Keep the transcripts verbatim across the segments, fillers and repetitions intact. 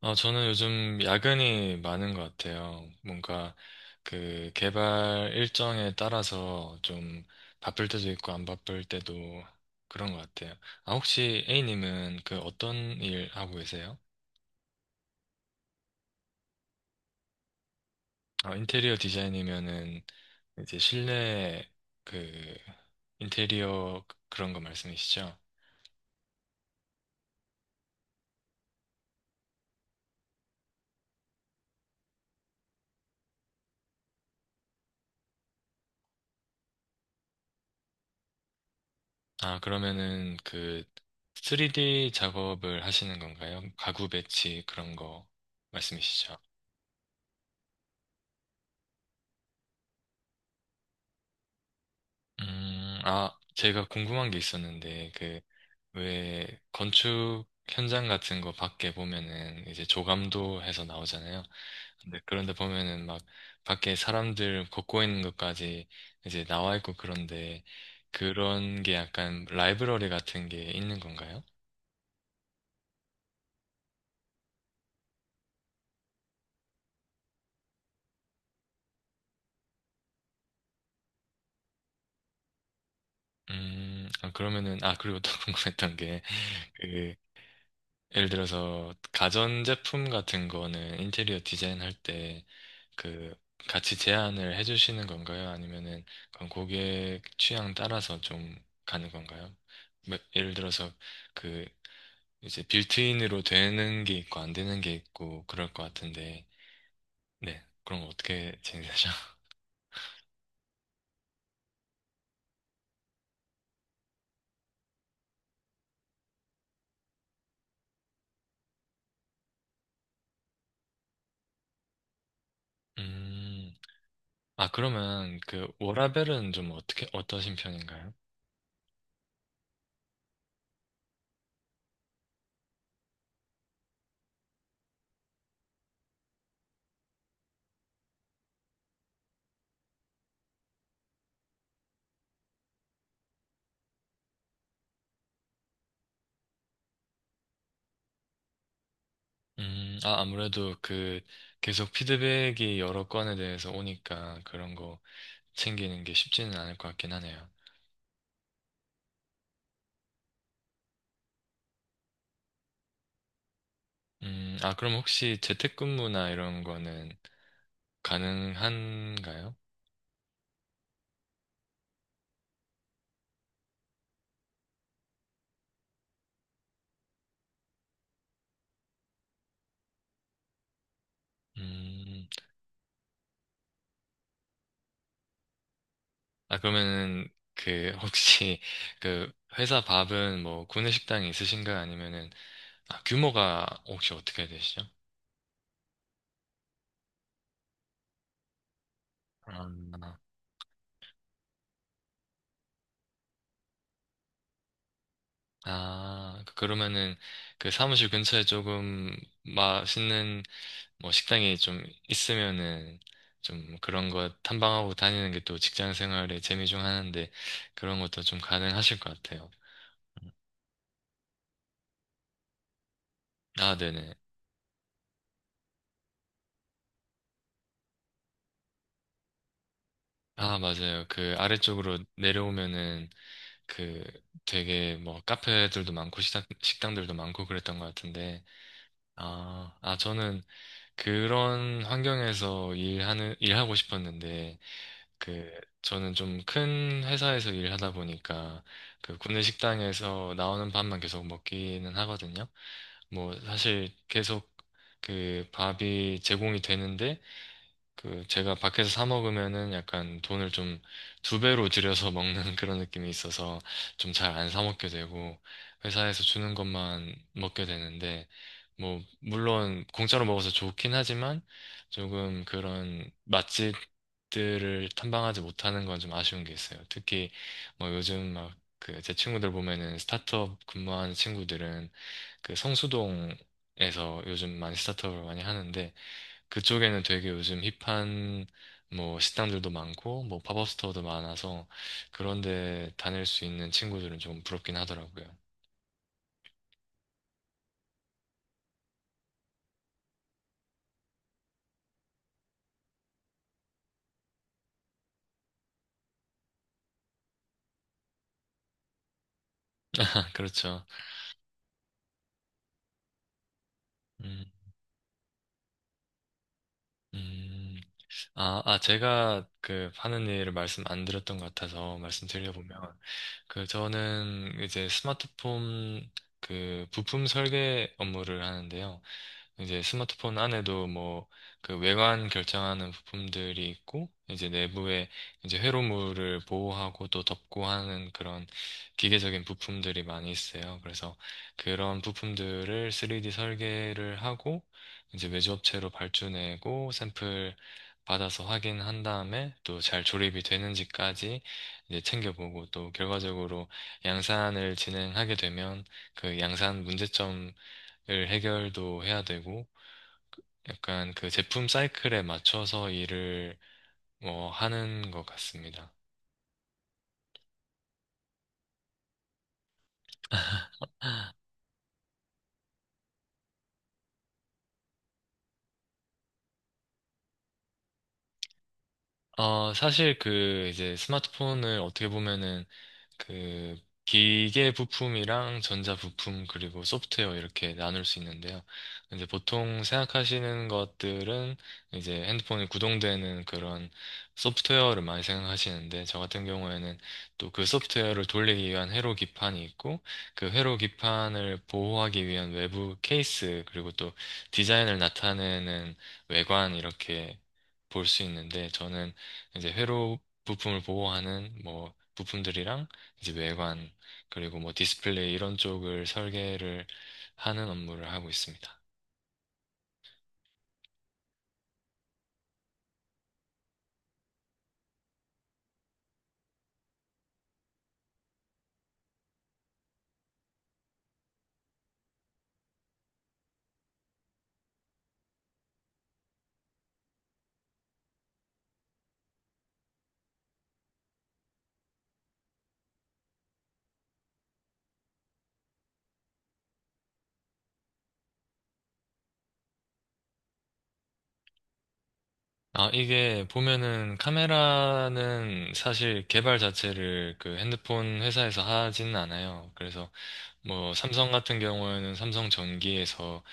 어, 저는 요즘 야근이 많은 것 같아요. 뭔가 그 개발 일정에 따라서 좀 바쁠 때도 있고 안 바쁠 때도 그런 것 같아요. 아, 혹시 A님은 그 어떤 일 하고 계세요? 어, 인테리어 디자인이면은 이제 실내 그 인테리어 그런 거 말씀이시죠? 아, 그러면은 그 쓰리디 작업을 하시는 건가요? 가구 배치 그런 거 말씀이시죠? 음, 아, 제가 궁금한 게 있었는데, 그, 왜, 건축 현장 같은 거 밖에 보면은, 이제 조감도 해서 나오잖아요. 근데 그런데 보면은 막, 밖에 사람들 걷고 있는 것까지 이제 나와 있고 그런데, 그런 게 약간 라이브러리 같은 게 있는 건가요? 음, 아, 그러면은, 아, 그리고 또 궁금했던 게, 그, 예를 들어서, 가전제품 같은 거는 인테리어 디자인 할때 그 같이 제안을 해주시는 건가요? 아니면은 그건 고객 취향 따라서 좀 가는 건가요? 뭐, 예를 들어서 그 이제 빌트인으로 되는 게 있고 안 되는 게 있고 그럴 것 같은데. 네, 그럼 어떻게 진행되죠? 음, 아, 그러면 그 워라벨은 좀 어떻게 어떠신 편인가요? 음, 아, 아무래도 그 계속 피드백이 여러 건에 대해서 오니까 그런 거 챙기는 게 쉽지는 않을 것 같긴 하네요. 음, 아, 그럼 혹시 재택근무나 이런 거는 가능한가요? 음, 아, 그러면은, 그, 혹시, 그, 회사 밥은 뭐, 구내식당이 있으신가요? 아니면은, 아, 규모가 혹시 어떻게 되시죠? 아, 아, 그러면은, 그 사무실 근처에 조금 맛있는, 뭐, 식당이 좀 있으면은, 좀 그런 거 탐방하고 다니는 게 또 직장 생활의 재미 중 하나인데, 그런 것도 좀 가능하실 것 같아요. 아, 네네. 아, 맞아요. 그 아래쪽으로 내려오면은 그 되게 뭐 카페들도 많고 식당, 식당들도 많고 그랬던 것 같은데. 아, 아, 저는 그런 환경에서 일하는, 일하고 싶었는데, 그 저는 좀 큰 회사에서 일하다 보니까 그 구내 식당에서 나오는 밥만 계속 먹기는 하거든요. 뭐 사실 계속 그 밥이 제공이 되는데, 그 제가 밖에서 사 먹으면은 약간 돈을 좀 두 배로 들여서 먹는 그런 느낌이 있어서 좀 잘 안 사 먹게 되고 회사에서 주는 것만 먹게 되는데, 뭐 물론 공짜로 먹어서 좋긴 하지만 조금 그런 맛집들을 탐방하지 못하는 건 좀 아쉬운 게 있어요. 특히 뭐 요즘 막 그 제 친구들 보면은 스타트업 근무하는 친구들은 그 성수동에서 요즘 많이 스타트업을 많이 하는데, 그쪽에는 되게 요즘 힙한 뭐 식당들도 많고 뭐 팝업 스토어도 많아서 그런 데 다닐 수 있는 친구들은 좀 부럽긴 하더라고요. 그렇죠. 음, 음. 아, 아, 제가 그 하는 일을 말씀 안 드렸던 것 같아서 말씀드려보면, 그 저는 이제 스마트폰 그 부품 설계 업무를 하는데요. 이제 스마트폰 안에도 뭐 그 외관 결정하는 부품들이 있고 이제 내부에 이제 회로물을 보호하고 또 덮고 하는 그런 기계적인 부품들이 많이 있어요. 그래서 그런 부품들을 쓰리디 설계를 하고 이제 외주업체로 발주내고 샘플 받아서 확인한 다음에 또 잘 조립이 되는지까지 이제 챙겨보고, 또 결과적으로 양산을 진행하게 되면 그 양산 문제점을 해결도 해야 되고, 약간 그 제품 사이클에 맞춰서 일을 뭐 하는 것 같습니다. 어, 사실 그 이제 스마트폰을 어떻게 보면은 그 기계 부품이랑 전자 부품 그리고 소프트웨어 이렇게 나눌 수 있는데요. 이제 보통 생각하시는 것들은 이제 핸드폰이 구동되는 그런 소프트웨어를 많이 생각하시는데, 저 같은 경우에는 또 그 소프트웨어를 돌리기 위한 회로 기판이 있고 그 회로 기판을 보호하기 위한 외부 케이스 그리고 또 디자인을 나타내는 외관 이렇게 볼 수 있는데, 저는 이제 회로 부품을 보호하는 뭐 부품들이랑 이제 외관 그리고 뭐 디스플레이 이런 쪽을 설계를 하는 업무를 하고 있습니다. 아, 이게 보면은 카메라는 사실 개발 자체를 그 핸드폰 회사에서 하지는 않아요. 그래서 뭐 삼성 같은 경우에는 삼성 전기에서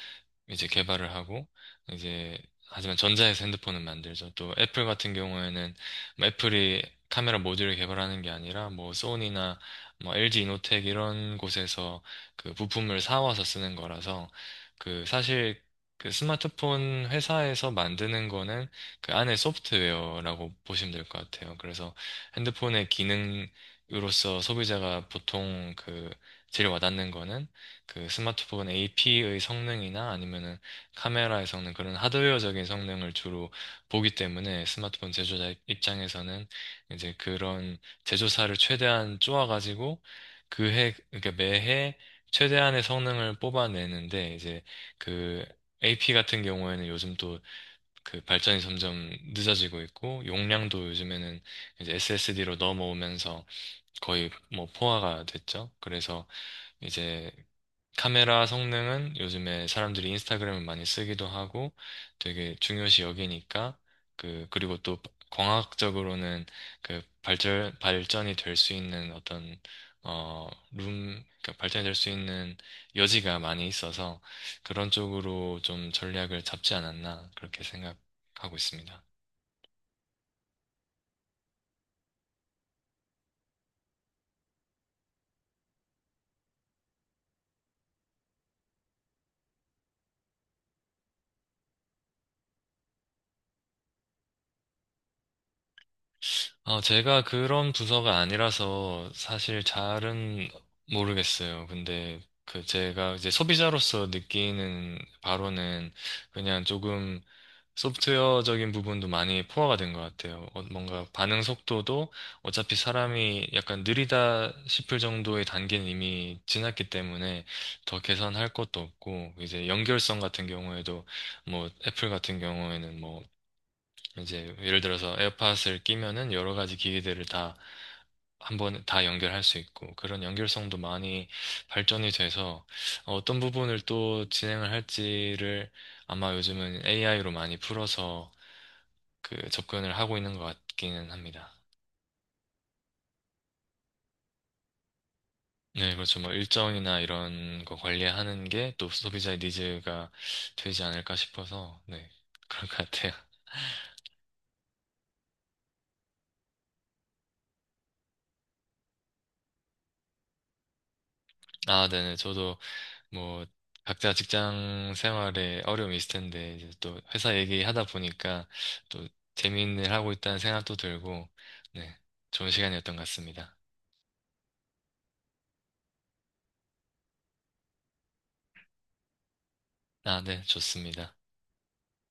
이제 개발을 하고 이제 하지만 전자에서 핸드폰은 만들죠. 또 애플 같은 경우에는 뭐 애플이 카메라 모듈을 개발하는 게 아니라 뭐 소니나 뭐 엘지 이노텍 이런 곳에서 그 부품을 사와서 쓰는 거라서 그 사실 그 스마트폰 회사에서 만드는 거는 그 안에 소프트웨어라고 보시면 될 것 같아요. 그래서 핸드폰의 기능으로서 소비자가 보통 그 제일 와닿는 거는 그 스마트폰 에이피의 성능이나 아니면은 카메라의 성능, 그런 하드웨어적인 성능을 주로 보기 때문에, 스마트폰 제조자 입- 입장에서는 이제 그런 제조사를 최대한 쪼아가지고 그 해, 그러니까 매해 최대한의 성능을 뽑아내는데, 이제 그 에이피 같은 경우에는 요즘 또 그 발전이 점점 늦어지고 있고, 용량도 요즘에는 이제 에스에스디로 넘어오면서 거의 뭐 포화가 됐죠. 그래서 이제 카메라 성능은 요즘에 사람들이 인스타그램을 많이 쓰기도 하고 되게 중요시 여기니까, 그 그리고 또 광학적으로는 그 발전 발전이 될 수 있는 어떤, 어룸 그러니까 발전이 될 수 있는 여지가 많이 있어서 그런 쪽으로 좀 전략을 잡지 않았나 그렇게 생각하고 있습니다. 아, 제가 그런 부서가 아니라서 사실 잘은 모르겠어요. 근데 그 제가 이제 소비자로서 느끼는 바로는 그냥 조금 소프트웨어적인 부분도 많이 포화가 된 것 같아요. 어, 뭔가 반응 속도도 어차피 사람이 약간 느리다 싶을 정도의 단계는 이미 지났기 때문에 더 개선할 것도 없고, 이제 연결성 같은 경우에도 뭐 애플 같은 경우에는 뭐 이제 예를 들어서 에어팟을 끼면은 여러 가지 기기들을 다 한번 다 연결할 수 있고 그런 연결성도 많이 발전이 돼서, 어떤 부분을 또 진행을 할지를 아마 요즘은 에이아이로 많이 풀어서 그 접근을 하고 있는 것 같기는 합니다. 네, 그렇죠. 뭐 일정이나 이런 거 관리하는 게 또 소비자의 니즈가 되지 않을까 싶어서, 네, 그런 것 같아요. 아, 네네. 저도 뭐 각자 직장 생활에 어려움이 있을 텐데 이제 또 회사 얘기하다 보니까 또 재미있는 일 하고 있다는 생각도 들고, 네, 좋은 시간이었던 것 같습니다. 아, 네, 좋습니다.